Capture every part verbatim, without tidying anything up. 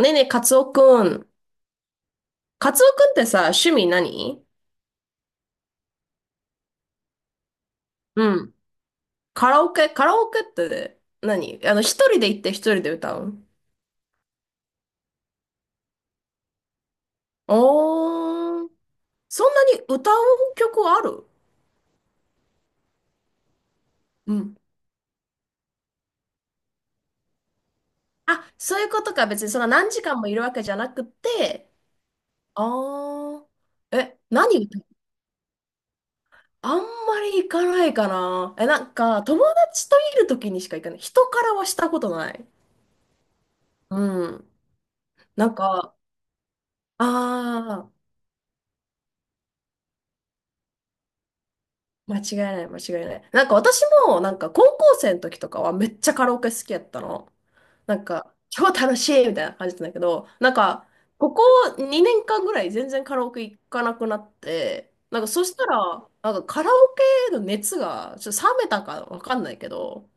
ねえねえ、カツオくん。カツオくんってさ、趣味何？うん。カラオケカラオケって何？あの、一人で行って一人で歌う？おー、そんなに歌う曲ある？うん。あ、そういうことか。別にその何時間もいるわけじゃなくて。あー。え、何歌う？あんまり行かないかな。え、なんか、友達といる時にしか行かない。人からはしたことない。うん。なんか、あ、間違いない、間違いない。なんか私も、なんか高校生の時とかはめっちゃカラオケ好きやったの。なんか、超楽しいみたいな感じなんだけど、なんか、ここにねんかんぐらい全然カラオケ行かなくなって、なんかそしたら、なんかカラオケの熱がちょっと冷めたかわかんないけど、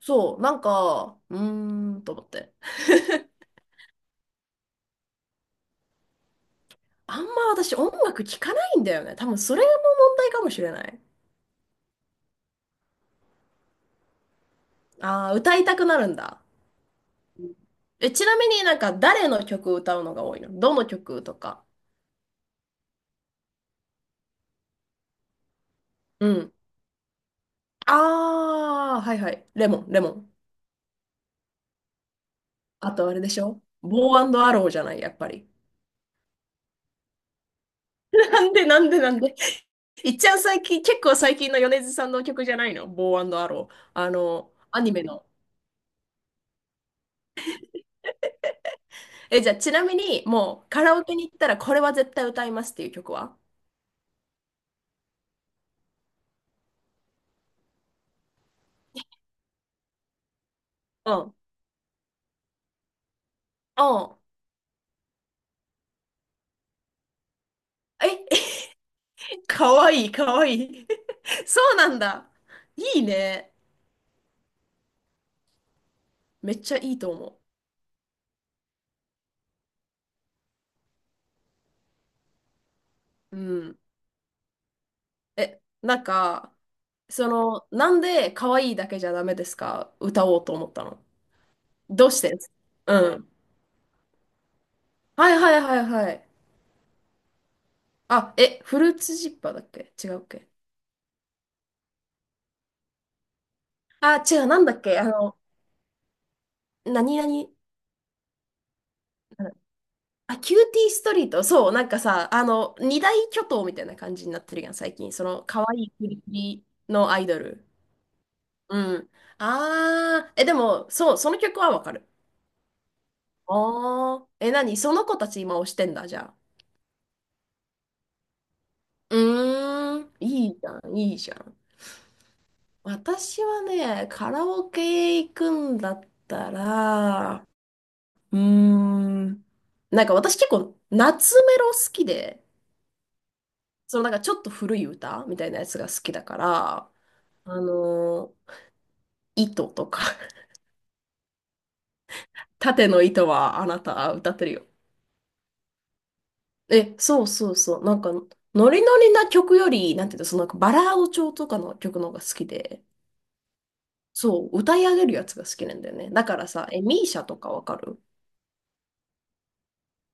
そう、なんか、うーんと思って。あんま私音楽聴かないんだよね。多分それも問題かもしれない。ああ、歌いたくなるんだ。え、ちなみになんか誰の曲を歌うのが多いの？どの曲とか？うん。ああ、はいはい。レモン、レモン。あとあれでしょ？ボーアローじゃない、やっぱり。なんでなんでなんで。いっちゃん最近、結構最近の米津さんの曲じゃないの？ボーアロー。あの、アニメの。え、じゃあちなみに、もうカラオケに行ったらこれは絶対歌いますっていう曲は？うん。うん。え、え、かわいい、かわいい。そうなんだ。いいね。めっちゃいいと思う。うん。え、なんか、その、なんで可愛いだけじゃダメですか歌おうと思ったの？どうしてです？うん。はいはいはいはい。あ、え、フルーツジッパーだっけ？違うっけ？あ、違う、なんだっけ？あの、何々、あ、キューティーストリート。そう、なんかさ、あの、二大巨頭みたいな感じになってるやん、最近。その、可愛いプリプリのアイドル。うん。あー、え、でも、そう、その曲はわかる。あー、え、何その子たち今推してんだ、じゃあ。うーん、いいじゃん、いいじゃん。私はね、カラオケ行くんだったら、うーん、なんか私結構夏メロ好きで、そのなんかちょっと古い歌みたいなやつが好きだから、あのー糸とか 縦の糸はあなた歌ってるよ。え、そうそうそう。なんか、ノリノリな曲より、なんていうの、そのなんかバラード調とかの曲の方が好きで。そう、歌い上げるやつが好きなんだよね。だからさ、え、ミーシャとかわかる？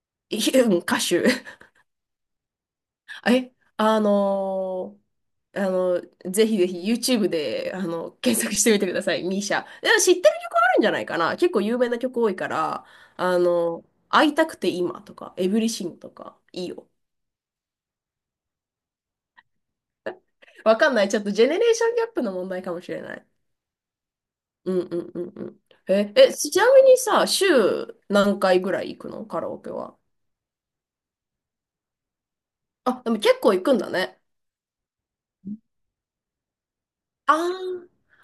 いやうん、歌手。え、あのーあの、ぜひぜひ YouTube で、あの、検索してみてください、ミーシャ。でも知ってる曲あるんじゃないかな。結構有名な曲多いから、あの、会いたくて今とか、エブリシングとか、いいよ。わかんない。ちょっとジェネレーションギャップの問題かもしれない。うんうんうんうん。え、え、ちなみにさ、週何回ぐらい行くの？カラオケは。あ、でも結構行くんだね。あ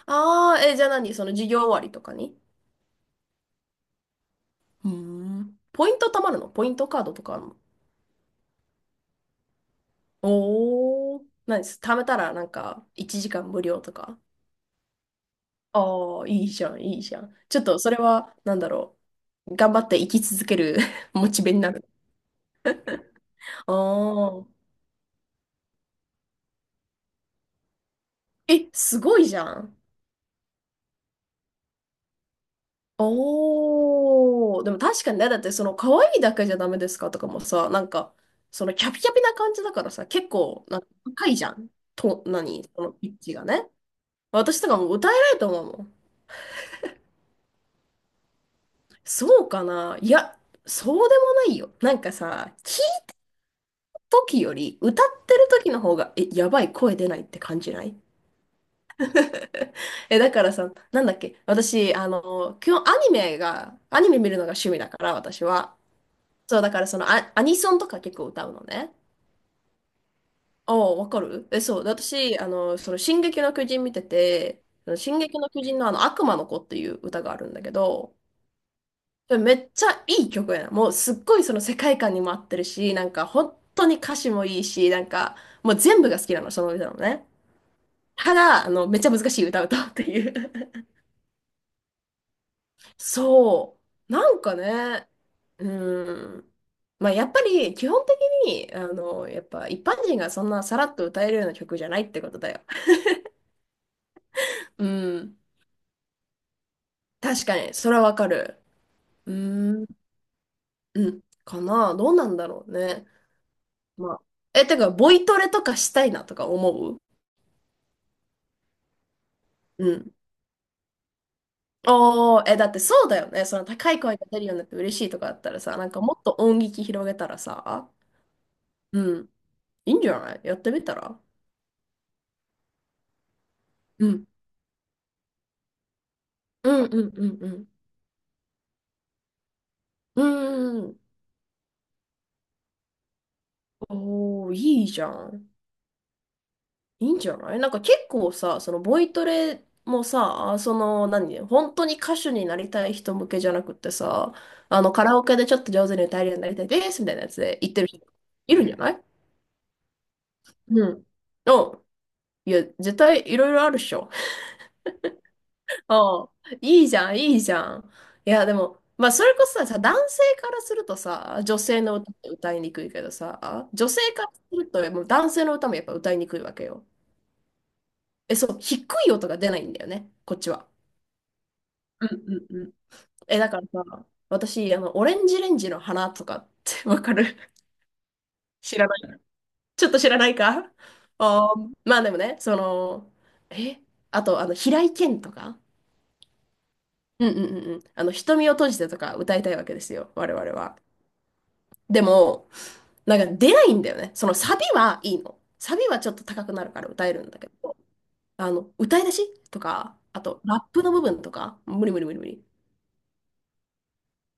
あ、ああ、え、じゃあ何？その授業終わりとかに？うーん。ポイント貯まるの？ポイントカードとかあるの？おー。何です？貯めたらなんかいちじかん無料とか？ああ、いいじゃん、いいじゃん。ちょっとそれは、なんだろう。頑張って生き続ける モチベになる。ああ。え、すごいじゃん。おー、でも確かにね、だってその可愛いだけじゃダメですかとかもさ、なんか、そのキャピキャピな感じだからさ、結構、なんか高いじゃん。と、何そのピッチがね。私とかも歌えないと思うもん。そうかな？いや、そうでもないよ。なんかさ、聞いた時より歌ってる時の方が、え、やばい声出ないって感じない？ え、だからさ、なんだっけ、私、あの、基本アニメが、アニメ見るのが趣味だから、私は。そう、だからそのア、アニソンとか結構歌うのね。ああ、わかる。え、そう。で私、あの、その、進撃の巨人見てて、その進撃の巨人のあの、悪魔の子っていう歌があるんだけど、それめっちゃいい曲やな。もう、すっごいその世界観にも合ってるし、なんか、本当に歌詞もいいし、なんか、もう全部が好きなの、その歌のね。ただ、あの、めっちゃ難しい歌を歌うっていう そう。なんかね、うん。まあ、やっぱり、基本的に、あの、やっぱ、一般人がそんなさらっと歌えるような曲じゃないってことだよ。うん。確かに、それはわかる。うーん、うん、かな。どうなんだろうね。まあ。え、てか、ボイトレとかしたいなとか思う？うん。おー、え、だってそうだよね。その高い声が出るようになって嬉しいとかあったらさ、なんかもっと音域広げたらさ、うん、いいんじゃない？やってみたら？うん。うんうんうんうん。うーん。おー、いいじゃん。いいんじゃない？なんか結構さ、そのボイトレもさ、その何、本当に歌手になりたい人向けじゃなくってさ、あのカラオケでちょっと上手に歌えるようになりたいですみたいなやつで言ってる人いるんじゃない？うん。うん。いや、絶対いろいろあるっしょ。ああ、いいじゃん、いいじゃん。いや、でも、まあ、それこそさ、さ男性からするとさ、女性の歌って歌いにくいけどさ、女性からすると、もう男性の歌もやっぱ歌いにくいわけよ。え、そう、低い音が出ないんだよね、こっちは。うんうんうん。え、だからさ、私、あの、オレンジレンジの花とかってわかる？ 知らない。ちょっと知らないか。あー、まあでもね、その、え、あと、あの、平井堅とか、うんうんうんうん、あの、瞳を閉じてとか歌いたいわけですよ、我々は。でも、なんか出ないんだよね。そのサビはいいの。サビはちょっと高くなるから歌えるんだけど、あの、歌い出しとか、あと、ラップの部分とか、無理無理無理無理。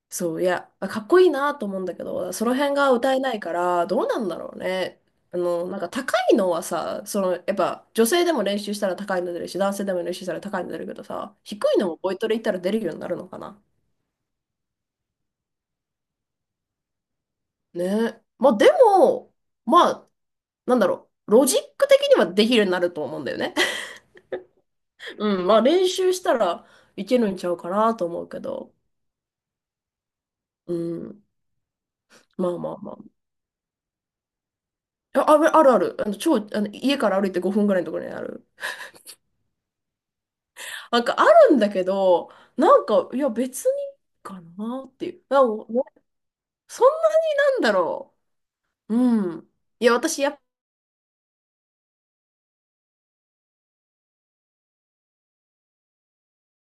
そう、いや、かっこいいなと思うんだけど、その辺が歌えないから、どうなんだろうね。あの、なんか高いのはさ、その、やっぱ女性でも練習したら高いの出るし、男性でも練習したら高いの出るけどさ、低いのもボイトレ行ったら出るようになるのかな。ね。まあでも、まあ、なんだろう、ロジック的にはできるようになると思うんだよね。うん、まあ練習したらいけるんちゃうかなと思うけど、うん、まあまあまあ。あ、あるあるある、あの、超、あの、家から歩いてごふんぐらいのところにある。なんかあるんだけど、なんか、いや、別にかなっていう。なんかねそんなになんだろう。うん。いや、私、やっぱ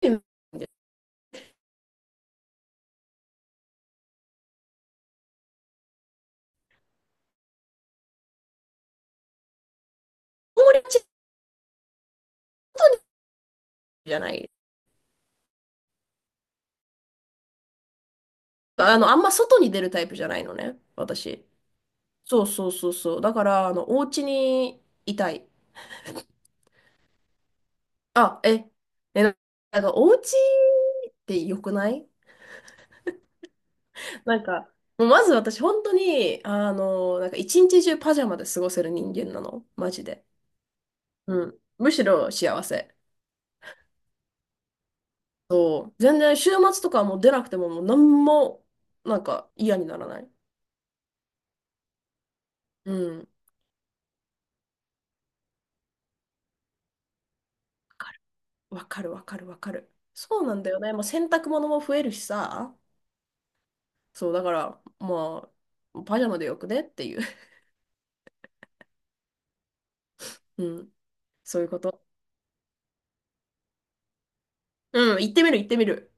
り、子守ちじゃない。あの、あんま外に出るタイプじゃないのね、私。そうそうそうそう。だから、あの、お家にいたい。あ、え、え、ななんか、お家って良くない？ なんか、もうまず私、本当に、あの、なんか、一日中パジャマで過ごせる人間なの。マジで。うん。むしろ幸せ。そう、全然週末とかはもう出なくてももう何もなんか嫌にならない。うん。わかるわかるわかるわかる。そうなんだよね。まあ、洗濯物も増えるしさ。そう、だから、まあ、パジャマでよくねっていう。うん。そういうこと。うん、行ってみる行ってみる。